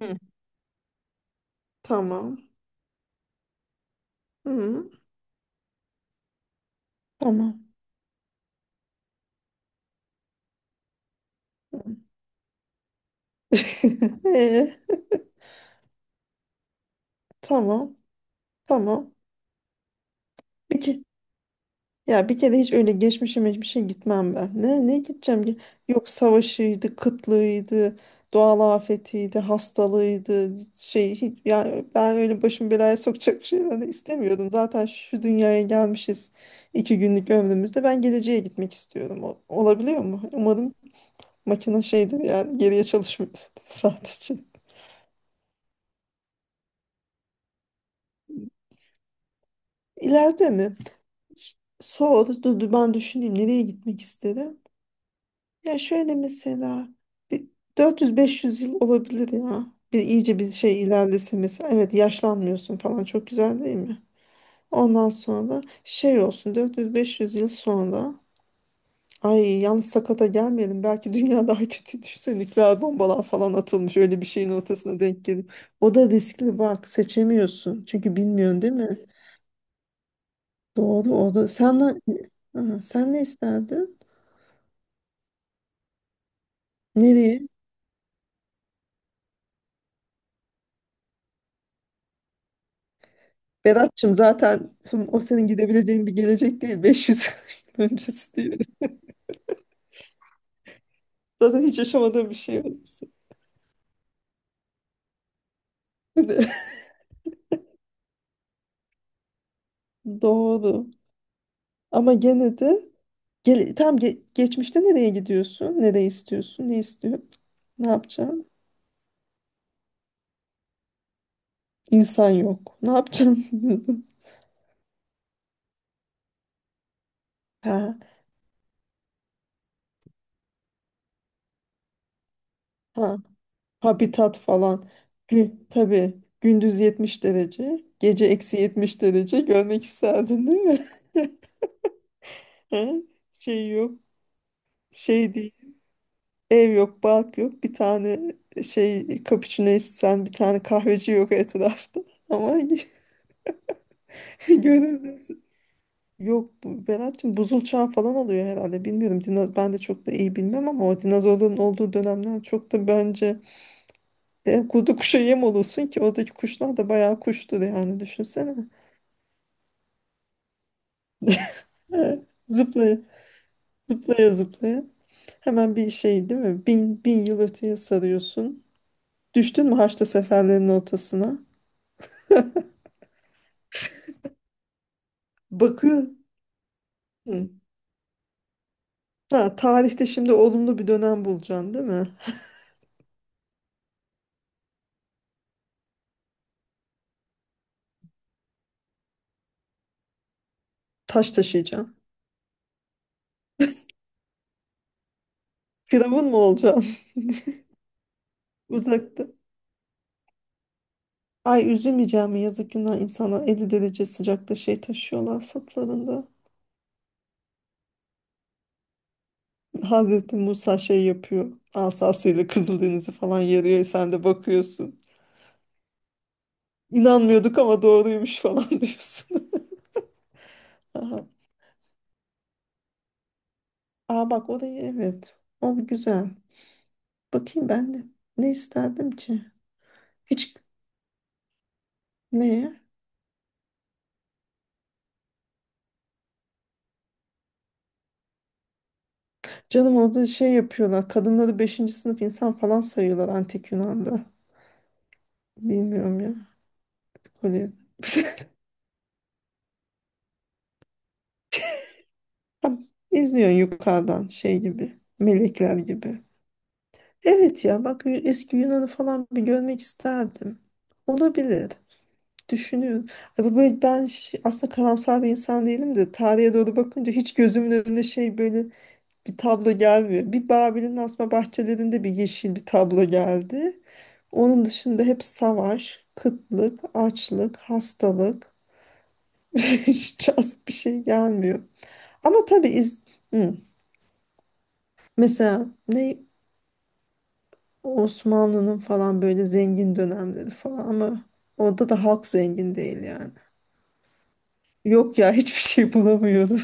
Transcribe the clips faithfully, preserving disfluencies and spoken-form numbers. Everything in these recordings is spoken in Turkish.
Hı, tamam. Hı, tamam. Hı. Ee, tamam. Tamam. Bir ke- Ya bir kere hiç öyle geçmişime hiçbir şey gitmem ben. Ne ne gideceğim ki? Yok, savaşıydı, kıtlığıydı, doğal afetiydi, hastalığıydı. Şey, hiç ya ben öyle başımı belaya sokacak şeyler de istemiyordum. Zaten şu dünyaya gelmişiz iki günlük ömrümüzde. Ben geleceğe gitmek istiyorum. O- olabiliyor mu? Umarım makine şeydir yani, geriye çalışmıyor sadece. İleride mi? Soğudu. Dur, dur, ben düşüneyim. Nereye gitmek isterim? Ya şöyle mesela, bir dört yüz beş yüz yıl olabilir ya. Bir iyice bir şey ilerlese mesela. Evet, yaşlanmıyorsun falan. Çok güzel değil mi? Ondan sonra şey olsun, dört yüz beş yüz yıl sonra ay, yalnız sakata gelmeyelim. Belki dünya daha kötü düşse, nükleer bombalar falan atılmış. Öyle bir şeyin ortasına denk gelip. O da riskli bak, seçemiyorsun. Çünkü bilmiyorsun değil mi? Doğru, o da. Sen, ne- Aha, sen ne isterdin? Nereye? Berat'cığım zaten tüm o senin gidebileceğin bir gelecek değil. beş yüz yıl öncesi değil. Zaten hiç yaşamadığım bir şey orası. Doğru. Ama gene de gele, tam ge- geçmişte nereye gidiyorsun? Nereye istiyorsun? Ne istiyorsun? Ne yapacaksın? İnsan yok. Ne yapacaksın? Ha, ha, habitat falan. Gü tabii, gündüz yetmiş derece, gece eksi yetmiş derece görmek isterdin değil mi? Ha, şey yok. Şey değil. Ev yok, balk yok. Bir tane e, şey, cappuccino içsen bir tane kahveci yok etrafta. Ama görürdüm. Yok bu Berat'cığım buzul çağı falan oluyor herhalde. Bilmiyorum. Dino- ben de çok da iyi bilmem, ama o dinozorların olduğu dönemden çok da bence e, kurdu kuşa yem olursun ki oradaki kuşlar da bayağı kuştur yani, düşünsene. Evet, zıplaya zıplaya zıplaya hemen bir şey değil mi? Bin, bin yıl öteye sarıyorsun. Düştün mü Haçlı seferlerin ortasına? Bakıyor. Hı. Ha, tarihte şimdi olumlu bir dönem bulacaksın değil mi? Taş taşıyacaksın. Firavun mu olacaksın? Uzakta. Ay üzülmeyeceğim mi? Yazık günah insana, elli derece sıcakta şey taşıyorlar sırtlarında. Hazreti Musa şey yapıyor. Asasıyla Kızıldeniz'i falan yarıyor. Sen de bakıyorsun. İnanmıyorduk ama doğruymuş falan diyorsun. Aha. Aa bak orayı, evet. O güzel. Bakayım ben de. Ne isterdim ki? Hiç, ne? Canım orada şey yapıyorlar. Kadınları beşinci sınıf insan falan sayıyorlar antik Yunan'da. Bilmiyorum ya. Kolye. Tam İzliyorsun yukarıdan şey gibi. Melekler gibi. Evet ya bak, y- eski Yunan'ı falan bir görmek isterdim. Olabilir. Düşünüyorum. Ya bu böyle ben şey- aslında karamsar bir insan değilim de tarihe doğru bakınca hiç gözümün önüne şey, böyle bir tablo gelmiyor. Bir Babil'in asma bahçelerinde bir yeşil bir tablo geldi. Onun dışında hep savaş, kıtlık, açlık, hastalık. Hiç cazip bir şey gelmiyor. Ama tabii, iz- Hı. Mesela ne, Osmanlı'nın falan böyle zengin dönemleri falan, ama orada da halk zengin değil yani. Yok ya, hiçbir şey bulamıyorum.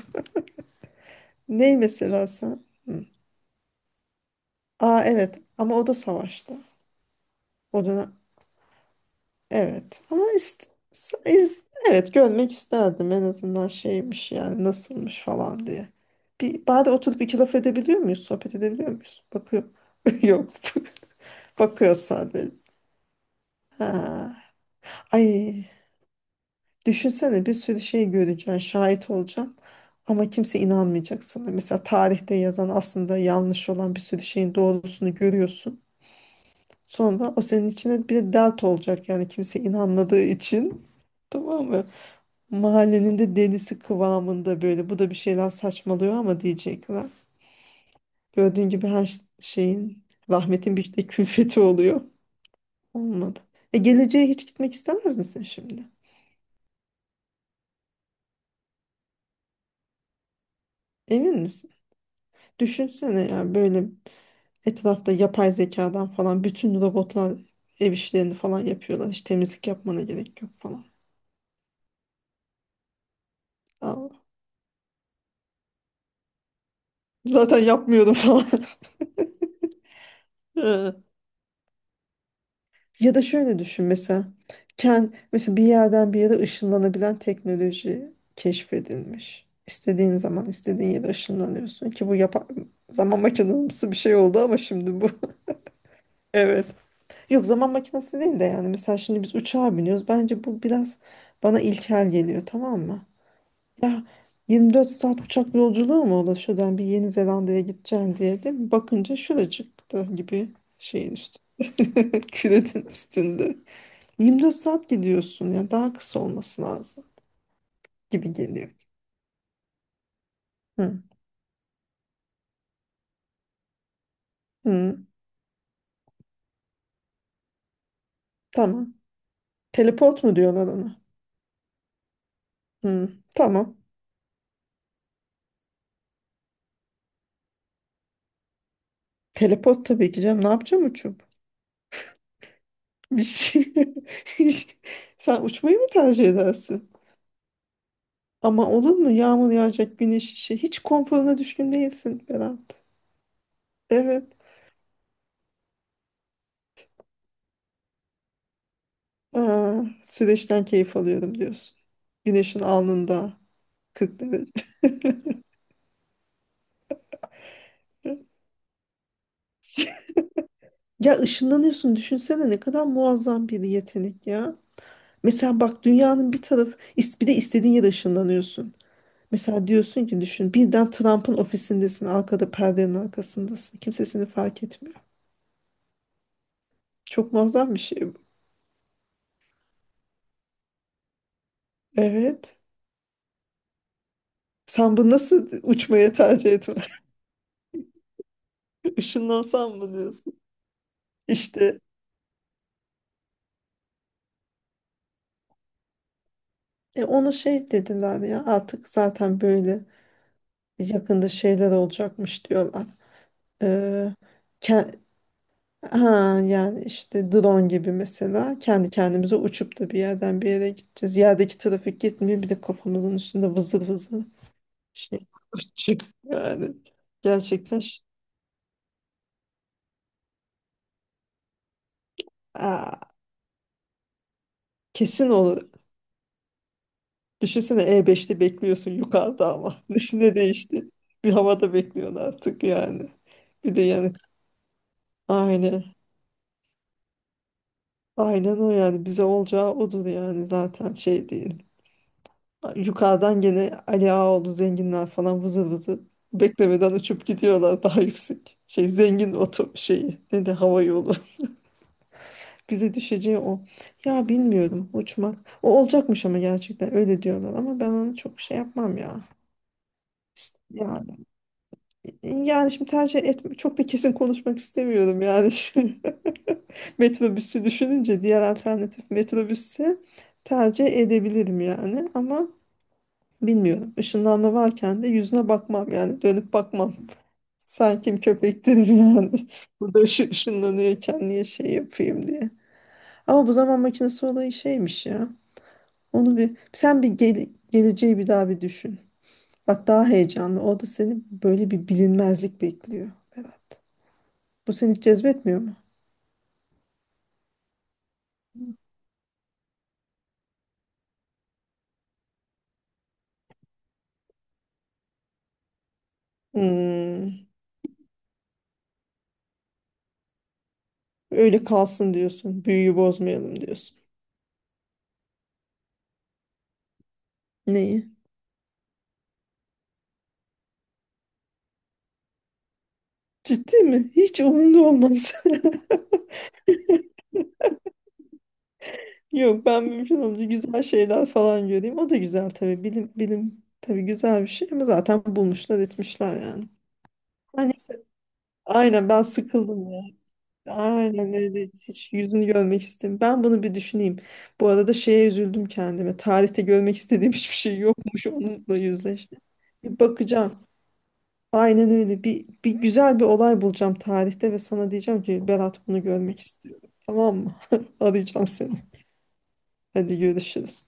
Ney mesela sen? Hı. Aa evet, ama o da savaşta. O dönem evet ama ist s- iz- evet, görmek isterdim en azından şeymiş yani, nasılmış falan diye. Bir bari oturup iki laf edebiliyor muyuz? Sohbet edebiliyor muyuz? Bakıyor. Yok. Bakıyor sadece. Ha. Ay, düşünsene bir sürü şey göreceksin, şahit olacaksın ama kimse inanmayacak sana. Mesela tarihte yazan aslında yanlış olan bir sürü şeyin doğrusunu görüyorsun. Sonra o senin içine bir de dert olacak yani, kimse inanmadığı için. Tamam mı? Mahallenin de delisi kıvamında böyle. Bu da bir şeyler saçmalıyor ama diyecekler. Gördüğün gibi her ş- şeyin, rahmetin bir de külfeti oluyor. Olmadı. E geleceğe hiç gitmek istemez misin şimdi? Emin misin? Düşünsene ya, böyle etrafta yapay zekadan falan bütün robotlar ev işlerini falan yapıyorlar. Hiç temizlik yapmana gerek yok falan. Aa, zaten yapmıyorum falan. Ya da şöyle düşün mesela. Kend, mesela bir yerden bir yere ışınlanabilen teknoloji keşfedilmiş. İstediğin zaman istediğin yere ışınlanıyorsun ki bu yapa- zaman makinesi bir şey oldu ama şimdi bu evet. Yok, zaman makinesi değil de yani mesela şimdi biz uçağa biniyoruz. Bence bu biraz bana ilkel geliyor, tamam mı? Ya, yirmi dört saat uçak yolculuğu mu olur şuradan bir Yeni Zelanda'ya gideceksin diye, değil mi? Bakınca şuracıkta gibi şeyin üstünde. Küretin üstünde. yirmi dört saat gidiyorsun ya, daha kısa olması lazım gibi geliyor. Hı. Hı. Tamam. Teleport mu diyorlar ona? Hı. Tamam. Teleport tabii ki canım. Ne yapacağım uçup? Bir şey. Sen uçmayı mı tercih edersin? Ama olur mu? Yağmur yağacak, güneş işi. Hiç konforuna düşkün değilsin Berat. Evet. Aa, süreçten keyif alıyorum diyorsun. Güneşin alnında kırk derece. Ya, ışınlanıyorsun düşünsene ne kadar muazzam bir yetenek ya. Mesela bak, dünyanın bir tarafı is- bir de istediğin yere ışınlanıyorsun. Mesela diyorsun ki düşün, birden Trump'ın ofisindesin, arkada perdenin arkasındasın. Kimse seni fark etmiyor. Çok muazzam bir şey bu. Evet. Sen bu nasıl uçmaya tercih etme? Işınlansam mı diyorsun? İşte e, ona şey dediler ya, artık zaten böyle yakında şeyler olacakmış diyorlar. Ee, ke- Ha, yani işte drone gibi mesela, kendi kendimize uçup da bir yerden bir yere gideceğiz. Yerdeki trafik gitmiyor, bir de kafamızın üstünde vızır vızır şey çık yani gerçekten, ş- Aa, kesin olur. Düşünsene, e, beşte bekliyorsun yukarıda ama ne değişti? Bir havada bekliyorsun artık yani. Bir de yani aynen aynen o yani, bize olacağı odur yani, zaten şey değil. Yukarıdan gene Ali Ağaoğlu zenginler falan vızır vızır beklemeden uçup gidiyorlar daha yüksek. Şey zengin oto şeyi, ne de hava yolu. Bize düşeceği o. Ya bilmiyorum, uçmak. O olacakmış ama gerçekten öyle diyorlar, ama ben onu çok şey yapmam ya. İst- Yani, yani şimdi tercih etme çok da kesin konuşmak istemiyorum yani. Şimdi, metrobüsü düşününce diğer alternatif, metrobüsü tercih edebilirim yani, ama bilmiyorum. Işınlanma varken de yüzüne bakmam yani, dönüp bakmam. Sen kim köpek dedim yani. Bu da şu, ışınlanıyorken niye şey yapayım diye. Ama bu zaman makinesi olayı şeymiş ya. Onu bir, sen bir gele- geleceği bir daha bir düşün. Bak daha heyecanlı. O da seni böyle bir bilinmezlik bekliyor Berat. Bu seni hiç cezbetmiyor mu? Hmm, öyle kalsın diyorsun. Büyüyü bozmayalım diyorsun. Neyi? Ciddi mi? Hiç umurunda olmaz. Yok, ben mümkün olunca güzel şeyler falan göreyim. O da güzel tabii. Bilim, bilim tabii güzel bir şey ama zaten bulmuşlar etmişler yani. Ay neyse. Aynen, ben sıkıldım ya. Aynen öyle, hiç yüzünü görmek istemiyorum. Ben bunu bir düşüneyim. Bu arada şeye üzüldüm kendime. Tarihte görmek istediğim hiçbir şey yokmuş. Onunla yüzleştim. Bir bakacağım. Aynen öyle. Bir, bir güzel bir olay bulacağım tarihte ve sana diyeceğim ki, Berat bunu görmek istiyorum. Tamam mı? Arayacağım seni. Hadi görüşürüz.